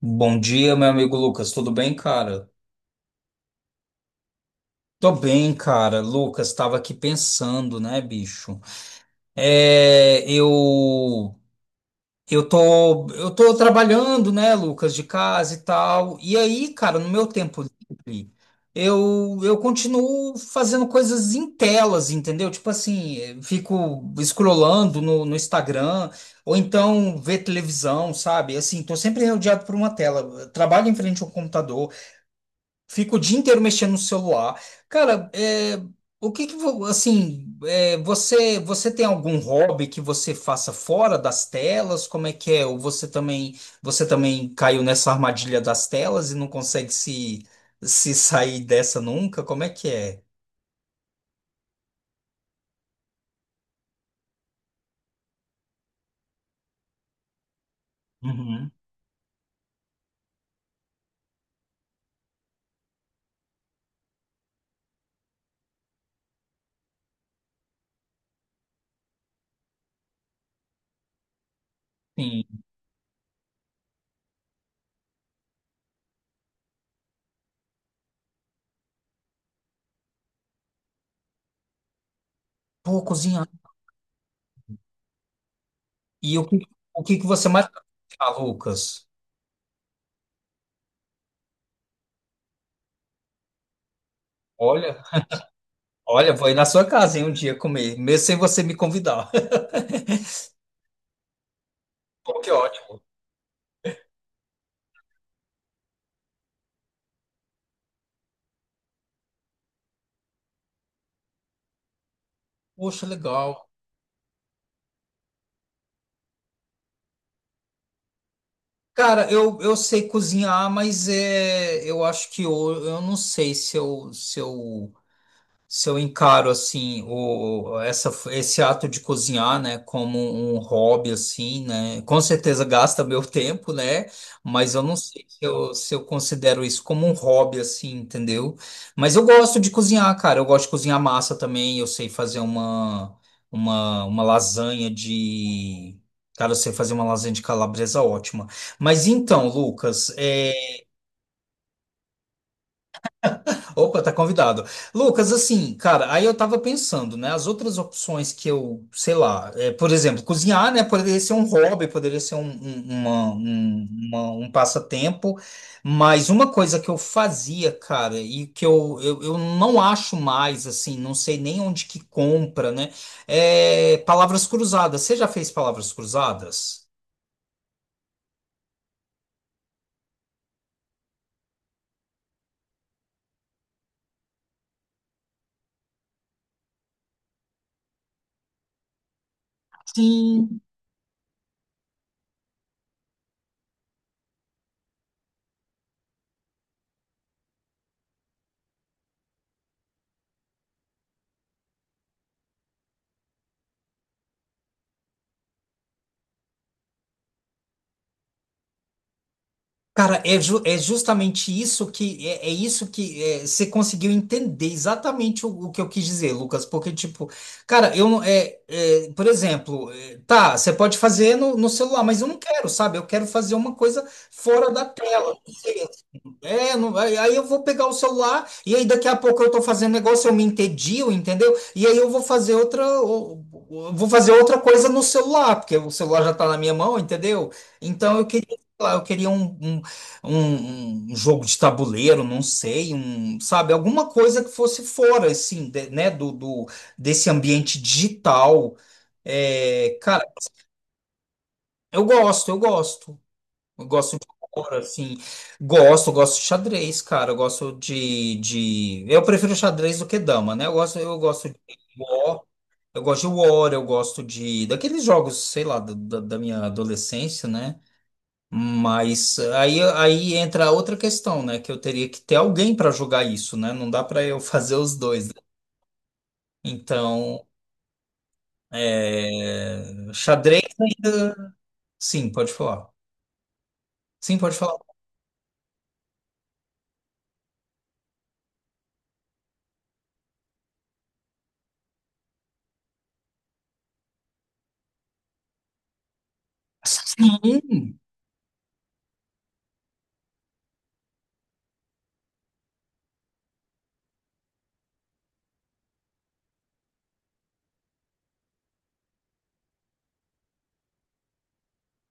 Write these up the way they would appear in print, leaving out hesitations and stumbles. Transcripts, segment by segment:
Bom dia, meu amigo Lucas. Tudo bem, cara? Tô bem, cara. Lucas, tava aqui pensando, né, bicho? É, eu eu tô trabalhando, né, Lucas, de casa e tal. E aí, cara, no meu tempo livre, eu continuo fazendo coisas em telas, entendeu? Tipo assim, fico scrollando no Instagram ou então ver televisão, sabe? Assim, tô sempre rodeado por uma tela. Trabalho em frente ao computador. Fico o dia inteiro mexendo no celular. Cara, é, o que que, vo- assim, é, você, você tem algum hobby que você faça fora das telas? Como é que é? Ou você também caiu nessa armadilha das telas e não consegue se sair dessa nunca? Como é que é? Uhum. Sim. Pô, cozinhar. E o que, o que que você mais, ah, Lucas? Olha, olha, vou ir na sua casa, hein, um dia comer, mesmo sem você me convidar. Pô, que ótimo. Poxa, legal. Cara, eu sei cozinhar, mas é, eu acho que eu não sei se eu, se eu se eu encaro assim o essa esse ato de cozinhar, né, como um hobby assim, né, com certeza gasta meu tempo, né, mas eu não sei se eu considero isso como um hobby assim, entendeu? Mas eu gosto de cozinhar, cara, eu gosto de cozinhar massa também, eu sei fazer uma lasanha de... Cara, eu sei fazer uma lasanha de calabresa ótima. Mas então, Lucas, é. Opa, tá convidado. Lucas, assim, cara, aí eu tava pensando, né? As outras opções que eu, sei lá, é, por exemplo, cozinhar, né? Poderia ser um hobby, poderia ser um passatempo, mas uma coisa que eu fazia, cara, e que eu não acho mais, assim, não sei nem onde que compra, né? É palavras cruzadas. Você já fez palavras cruzadas? Sim. Cara, é, ju- é justamente isso que é, é isso que é, você conseguiu entender exatamente o que eu quis dizer, Lucas. Porque, tipo, cara, eu não é, é, por exemplo, é, tá, você pode fazer no celular, mas eu não quero, sabe? Eu quero fazer uma coisa fora da tela. É, não vai. Aí eu vou pegar o celular e aí daqui a pouco eu tô fazendo negócio, eu me entedio, entendeu? E aí eu vou fazer outra, vou fazer outra coisa no celular, porque o celular já tá na minha mão, entendeu? Então eu queria, sei lá, eu queria um jogo de tabuleiro, não sei, um, sabe, alguma coisa que fosse fora, assim, de- né, do desse ambiente digital. É, cara, eu gosto. Eu gosto de cor, assim. Gosto, gosto de xadrez, cara. Eu gosto de... Eu prefiro xadrez do que dama, né? Eu gosto de War, eu gosto de War, eu gosto de... Daqueles jogos, sei lá, da minha adolescência, né? Mas aí, aí entra outra questão, né? Que eu teria que ter alguém para jogar isso, né? Não dá para eu fazer os dois, né? Então, é... xadrez ainda... Sim, pode falar. Sim, pode falar. Sim.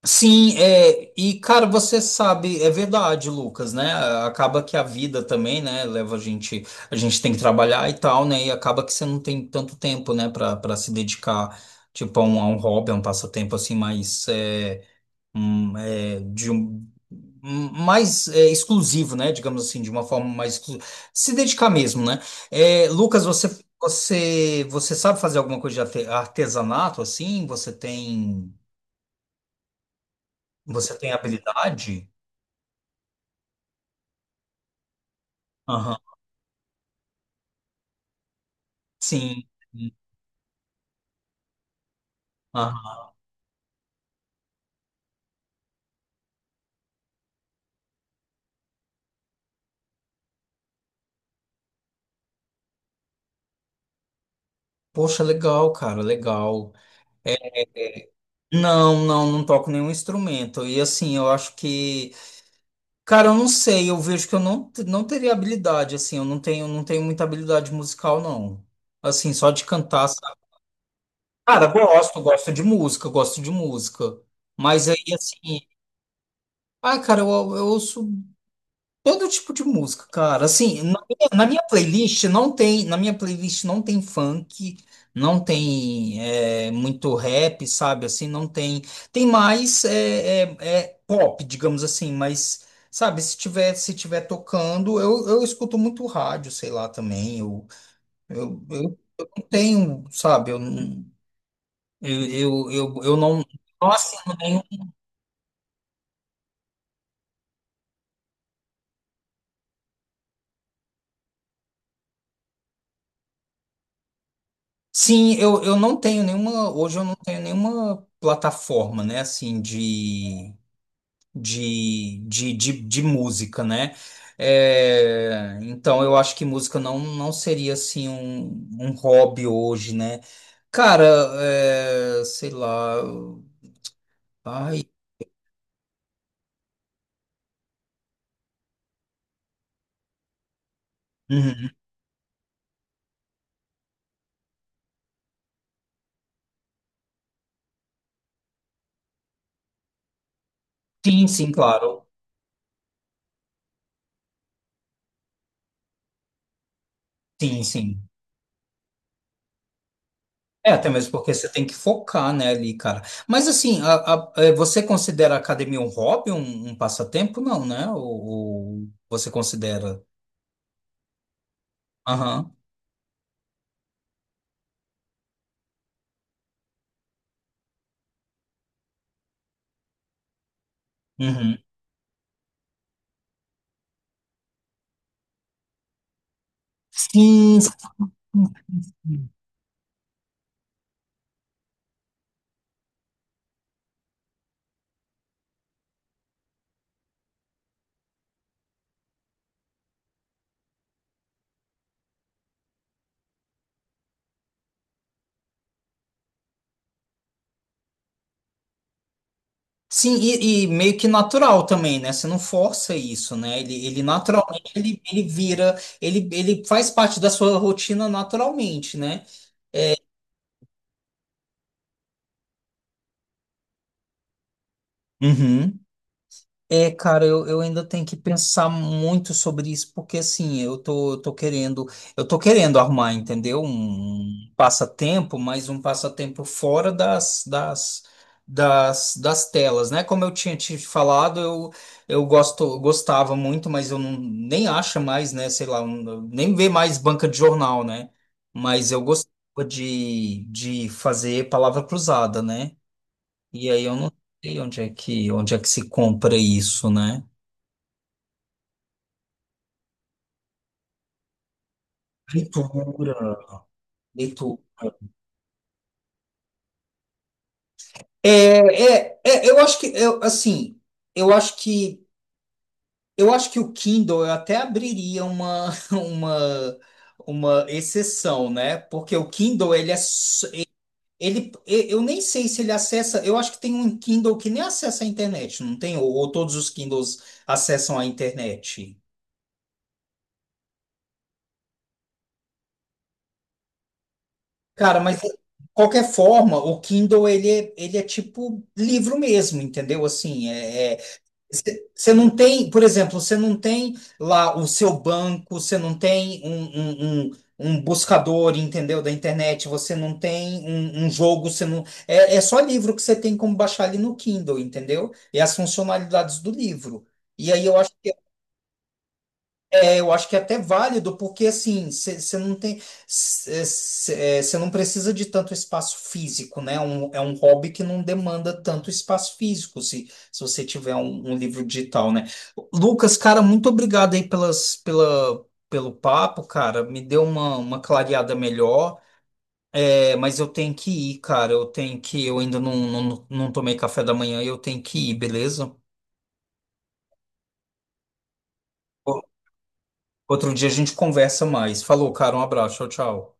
Sim, é, e cara, você sabe, é verdade, Lucas, né? Acaba que a vida também, né, leva a gente tem que trabalhar e tal, né? E acaba que você não tem tanto tempo, né, pra, para se dedicar, tipo, a um hobby, a um passatempo assim mais é, um, é, de mais é, exclusivo, né? Digamos assim, de uma forma mais exclusiva. Se dedicar mesmo, né? É, Lucas, você sabe fazer alguma coisa de artesanato assim? Você tem habilidade? Aham. Sim. Sim. Aham. Poxa, legal, cara, legal. É, não, não, não toco nenhum instrumento. E assim, eu acho que, cara, eu não sei, eu vejo que eu não, não teria habilidade, assim, eu não tenho, não tenho muita habilidade musical, não. Assim, só de cantar, sabe? Cara, gosto, gosto de música, gosto de música. Mas aí, assim, ah, cara, eu ouço todo tipo de música, cara. Assim, na minha playlist não tem, na minha playlist não tem funk, não tem é, muito rap, sabe? Assim, não tem. Tem mais é, é pop, digamos assim, mas sabe, se tiver tocando, eu escuto muito rádio, sei lá, também. Eu não tenho, sabe, eu, eu não, não assino. Sim, eu não tenho nenhuma. Hoje eu não tenho nenhuma plataforma, né? Assim, de música, né? É, então eu acho que música não, não seria assim um, um hobby hoje, né? Cara, é, sei lá. Ai. Uhum. Sim, sim, claro. Sim, sim. É, até mesmo porque você tem que focar, né, ali, cara. Mas assim, é, você considera a academia um hobby, um passatempo? Não, né? Ou você considera? Aham. Uhum. Sim, sim, sim. E, e meio que natural também, né? Você não força isso, né? Ele naturalmente ele, ele vira, ele faz parte da sua rotina naturalmente, né? Uhum. É, cara, eu ainda tenho que pensar muito sobre isso, porque assim, eu tô querendo arrumar, entendeu? Um passatempo, mas um passatempo fora das telas, né? Como eu tinha te falado, eu gosto, eu gostava muito, mas eu não, nem acho mais, né? Sei lá, um- nem vê mais banca de jornal, né? Mas eu gostava de fazer palavra cruzada, né? E aí eu não sei onde é que se compra isso, né? Leitura. Leitura. É, eu acho que eu, assim, eu acho que eu acho que o Kindle eu até abriria uma uma exceção, né? Porque o Kindle ele é eu nem sei se ele acessa, eu acho que tem um Kindle que nem acessa a internet, não tem? Ou todos os Kindles acessam a internet. Cara, mas de qualquer forma, o Kindle ele é tipo livro mesmo, entendeu? Assim, é, você não tem, por exemplo, você não tem lá o seu banco, você não tem um, um buscador, entendeu? Da internet, você não tem um, um jogo, você não. É, é só livro que você tem como baixar ali no Kindle, entendeu? E as funcionalidades do livro. E aí eu acho. Eu acho que é até válido, porque assim, você não tem, você não precisa de tanto espaço físico, né? Um- é um hobby que não demanda tanto espaço físico, se você tiver um, um livro digital, né? Lucas, cara, muito obrigado aí pelo papo, cara. Me deu uma clareada melhor. É, mas eu tenho que ir, cara. Eu tenho que, eu ainda não tomei café da manhã, e eu tenho que ir, beleza? O- Outro dia a gente conversa mais. Falou, cara, um abraço, tchau, tchau.